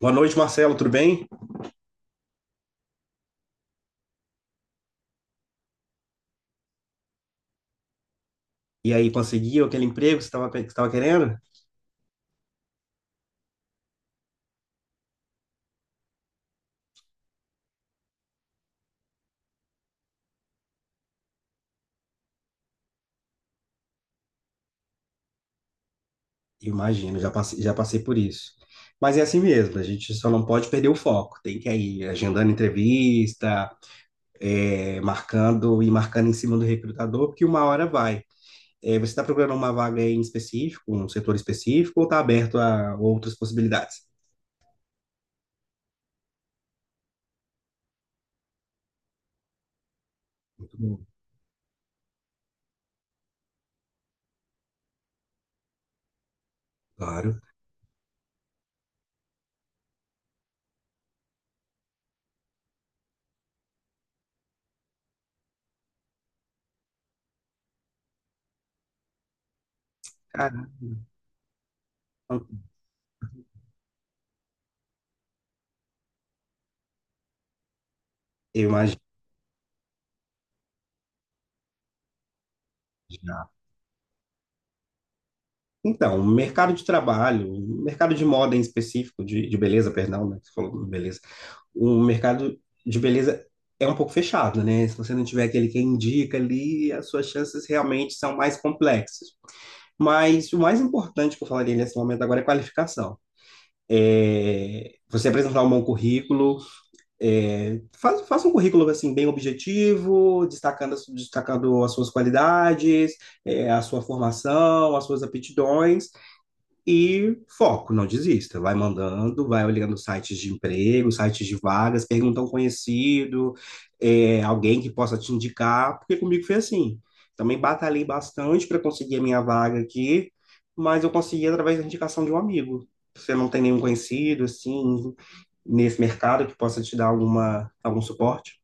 Boa noite, Marcelo, tudo bem? E aí, conseguiu aquele emprego que você estava querendo? Imagino, já passei por isso. Mas é assim mesmo, a gente só não pode perder o foco. Tem que ir agendando entrevista, marcando e marcando em cima do recrutador, porque uma hora vai. Você está procurando uma vaga em específico, um setor específico, ou está aberto a outras possibilidades? Muito bom. Claro. Caramba, eu imagino. Então, o mercado de trabalho, o mercado de moda em específico, de beleza, perdão, né? que Você falou beleza. O mercado de beleza é um pouco fechado, né? Se você não tiver aquele que indica ali, as suas chances realmente são mais complexas. Mas o mais importante que eu falaria nesse momento agora é qualificação. Você apresentar um bom currículo, faça um currículo assim bem objetivo, destacando as suas qualidades, a sua formação, as suas aptidões e foco, não desista. Vai mandando, vai olhando sites de emprego, sites de vagas, pergunta a um conhecido, alguém que possa te indicar, porque comigo foi assim. Também batalhei bastante para conseguir a minha vaga aqui, mas eu consegui através da indicação de um amigo. Você não tem nenhum conhecido, assim, nesse mercado que possa te dar algum suporte?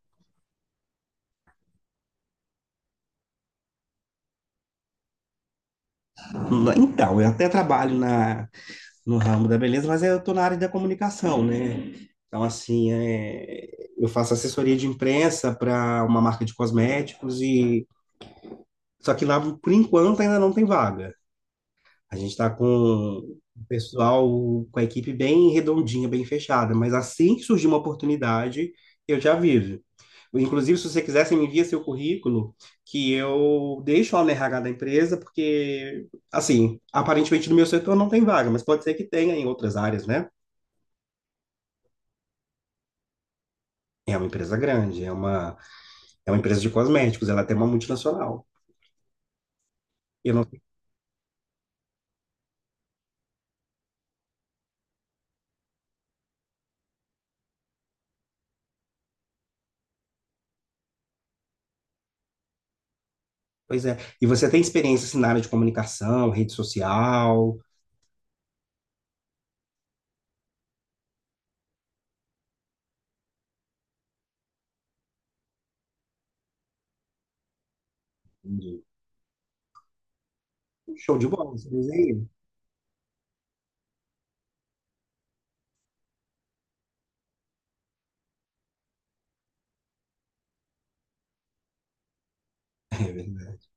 Então, eu até trabalho na no ramo da beleza, mas eu estou na área da comunicação, né? Então, assim, eu faço assessoria de imprensa para uma marca de cosméticos e só que lá, por enquanto, ainda não tem vaga. A gente está com o pessoal, com a equipe bem redondinha, bem fechada, mas assim que surgir uma oportunidade, eu já aviso. Inclusive, se você quiser, você me envia seu currículo, que eu deixo lá no RH da empresa, porque, assim, aparentemente no meu setor não tem vaga, mas pode ser que tenha em outras áreas, né? É uma empresa grande, é uma empresa de cosméticos, ela tem uma multinacional. E Eu não, pois é. E você tem experiência assim, na área de comunicação, rede social? Entendi. Show de bola, você desenha? É verdade.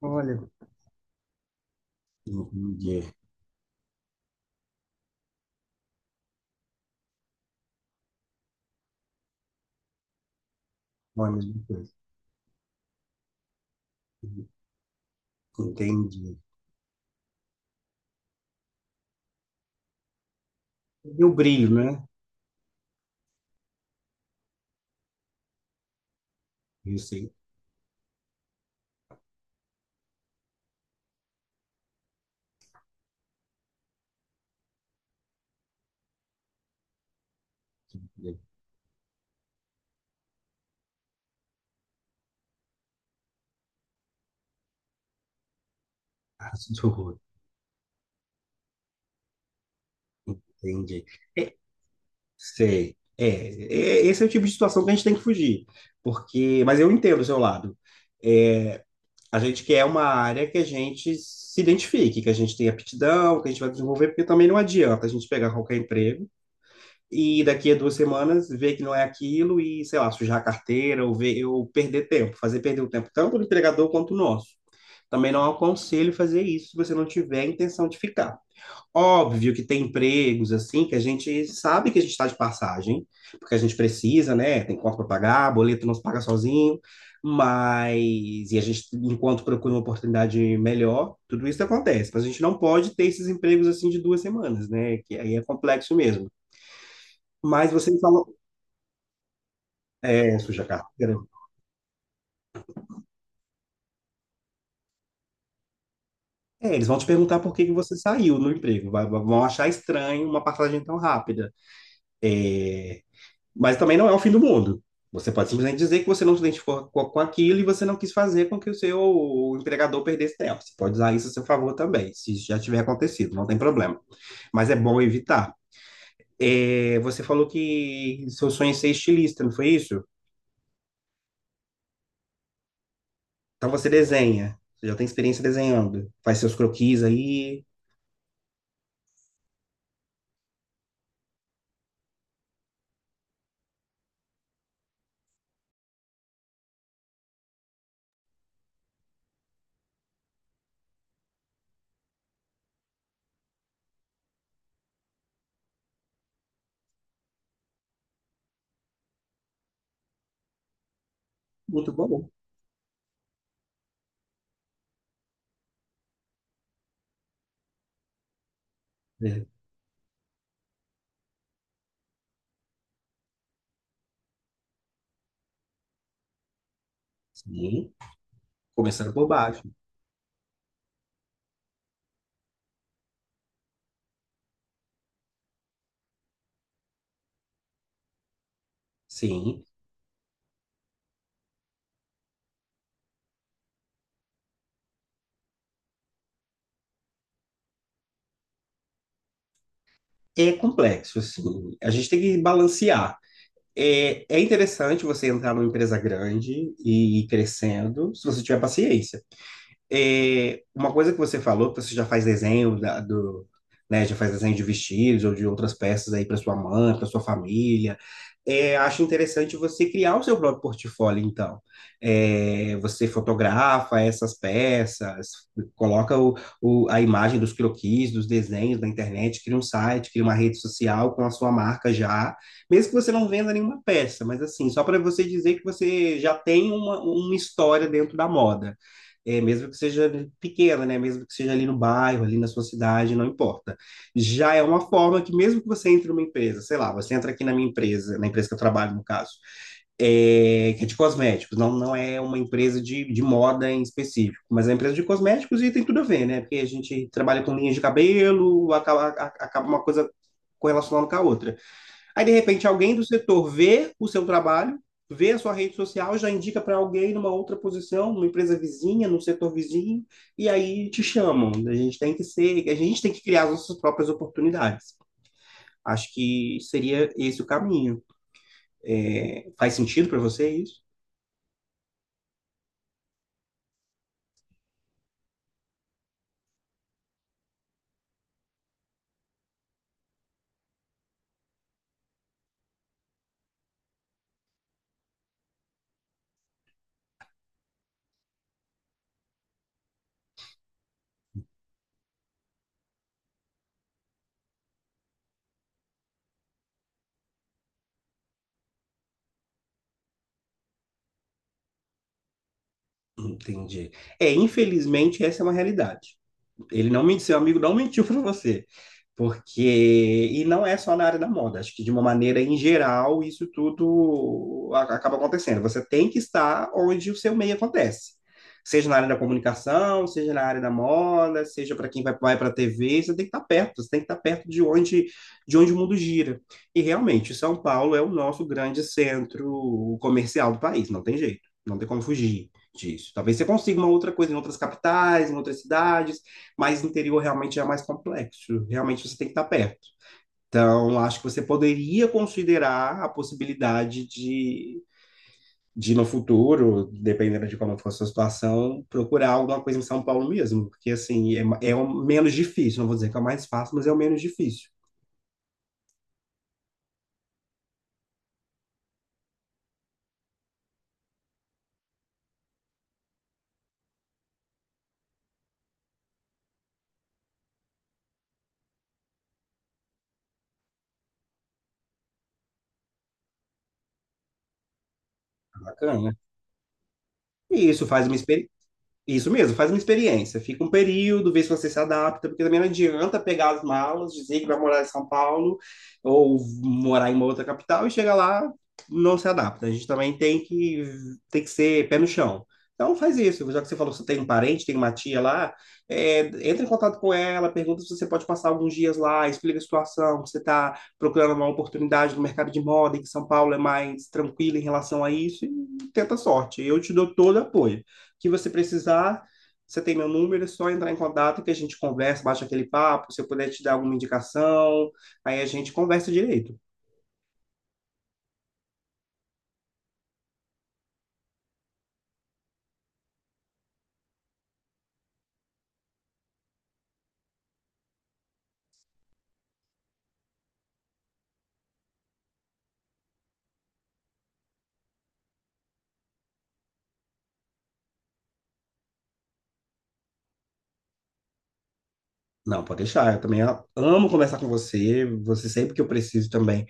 Olha, entendi. Olha a mesma coisa. Entendi. E o brilho, né? Eu sei. Traço do rosto, entendi. É, sei. É, esse é o tipo de situação que a gente tem que fugir. Porque, mas eu entendo o seu lado. É, a gente quer uma área que a gente se identifique, que a gente tenha aptidão, que a gente vai desenvolver, porque também não adianta a gente pegar qualquer emprego e daqui a duas semanas ver que não é aquilo e, sei lá, sujar a carteira ou, ver, ou perder tempo, fazer perder o tempo tanto do empregador quanto o nosso. Também não aconselho fazer isso se você não tiver a intenção de ficar. Óbvio que tem empregos assim que a gente sabe que a gente está de passagem, porque a gente precisa, né? Tem conta para pagar, boleto não se paga sozinho, mas e a gente, enquanto procura uma oportunidade melhor, tudo isso acontece. Mas a gente não pode ter esses empregos assim de duas semanas, né? Que aí é complexo mesmo. Mas você me falou, suja a carteira. É, eles vão te perguntar por que que você saiu no emprego, vão achar estranho uma passagem tão rápida. Mas também não é o fim do mundo. Você pode simplesmente dizer que você não se identificou com aquilo e você não quis fazer com que o seu empregador perdesse tempo. Você pode usar isso a seu favor também, se já tiver acontecido, não tem problema. Mas é bom evitar. É, você falou que seu sonho é ser estilista, não foi isso? Então você desenha, você já tem experiência desenhando, faz seus croquis aí. Muito bom. É. Sim, começando por baixo. Sim, é complexo, assim. A gente tem que balancear. É, é interessante você entrar numa empresa grande e ir crescendo, se você tiver paciência. É, uma coisa que você falou, que você já faz desenho da- do, né, já faz desenho de vestidos ou de outras peças aí para sua mãe, para sua família. É, acho interessante você criar o seu próprio portfólio, então. É, você fotografa essas peças, coloca o, a imagem dos croquis, dos desenhos na internet, cria um site, cria uma rede social com a sua marca já, mesmo que você não venda nenhuma peça, mas assim, só para você dizer que você já tem uma história dentro da moda. É, mesmo que seja pequena, né? Mesmo que seja ali no bairro, ali na sua cidade, não importa. Já é uma forma que, mesmo que você entre numa empresa, sei lá, você entra aqui na minha empresa, na empresa que eu trabalho, no caso, é, que é de cosméticos, não é uma empresa de moda em específico, mas é uma empresa de cosméticos e tem tudo a ver, né? Porque a gente trabalha com linhas de cabelo, acaba uma coisa correlacionando com a outra. Aí, de repente, alguém do setor vê o seu trabalho, vê a sua rede social, já indica para alguém numa outra posição, numa empresa vizinha, num setor vizinho, e aí te chamam. A gente tem que ser, a gente tem que criar as nossas próprias oportunidades. Acho que seria esse o caminho. É, faz sentido para você isso? Entendi. É, infelizmente, essa é uma realidade. Ele não mentiu, seu amigo não mentiu para você. Porque, e não é só na área da moda, acho que de uma maneira em geral isso acaba acontecendo. Você tem que estar onde o seu meio acontece. Seja na área da comunicação, seja na área da moda, seja para quem vai para a TV, você tem que estar perto, você tem que estar perto de onde o mundo gira. E realmente, São Paulo é o nosso grande centro comercial do país, não tem jeito, não tem como fugir disso. Talvez você consiga uma outra coisa em outras capitais, em outras cidades, mas no interior realmente é mais complexo. Realmente você tem que estar perto. Então, acho que você poderia considerar a possibilidade de no futuro, dependendo de como for a sua situação, procurar alguma coisa em São Paulo mesmo. Porque, assim, é o menos difícil. Não vou dizer que é o mais fácil, mas é o menos difícil. Bacana. E isso faz uma experiência. Isso mesmo, faz uma experiência. Fica um período, vê se você se adapta, porque também não adianta pegar as malas, dizer que vai morar em São Paulo ou morar em uma outra capital e chega lá, não se adapta. A gente também tem que ser pé no chão. Então faz isso, já que você falou que você tem um parente, tem uma tia lá, é, entra em contato com ela, pergunta se você pode passar alguns dias lá, explica a situação, que você está procurando uma oportunidade no mercado de moda, e que São Paulo é mais tranquilo em relação a isso, e tenta a sorte. Eu te dou todo o apoio que você precisar, você tem meu número, é só entrar em contato que a gente conversa, bate aquele papo, se eu puder te dar alguma indicação, aí a gente conversa direito. Não, pode deixar, eu também amo conversar com você, você sempre que eu preciso também,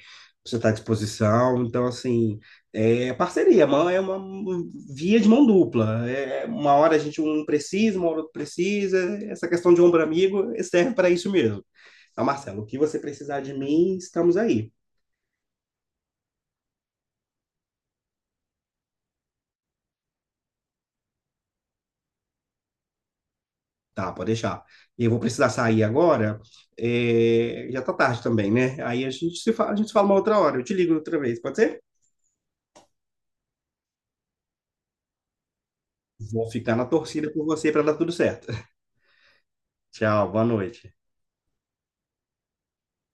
você está à disposição, então assim, é parceria, mão é uma um, via de mão dupla, é uma hora a gente um precisa, uma hora outro precisa, essa questão de ombro amigo serve para isso mesmo. Então, Marcelo, o que você precisar de mim, estamos aí. Tá, pode deixar. Eu vou precisar sair agora. É, já tá tarde também, né? Aí a gente se fala uma outra hora. Eu te ligo outra vez, pode ser? Vou ficar na torcida por você para dar tudo certo. Tchau, boa noite.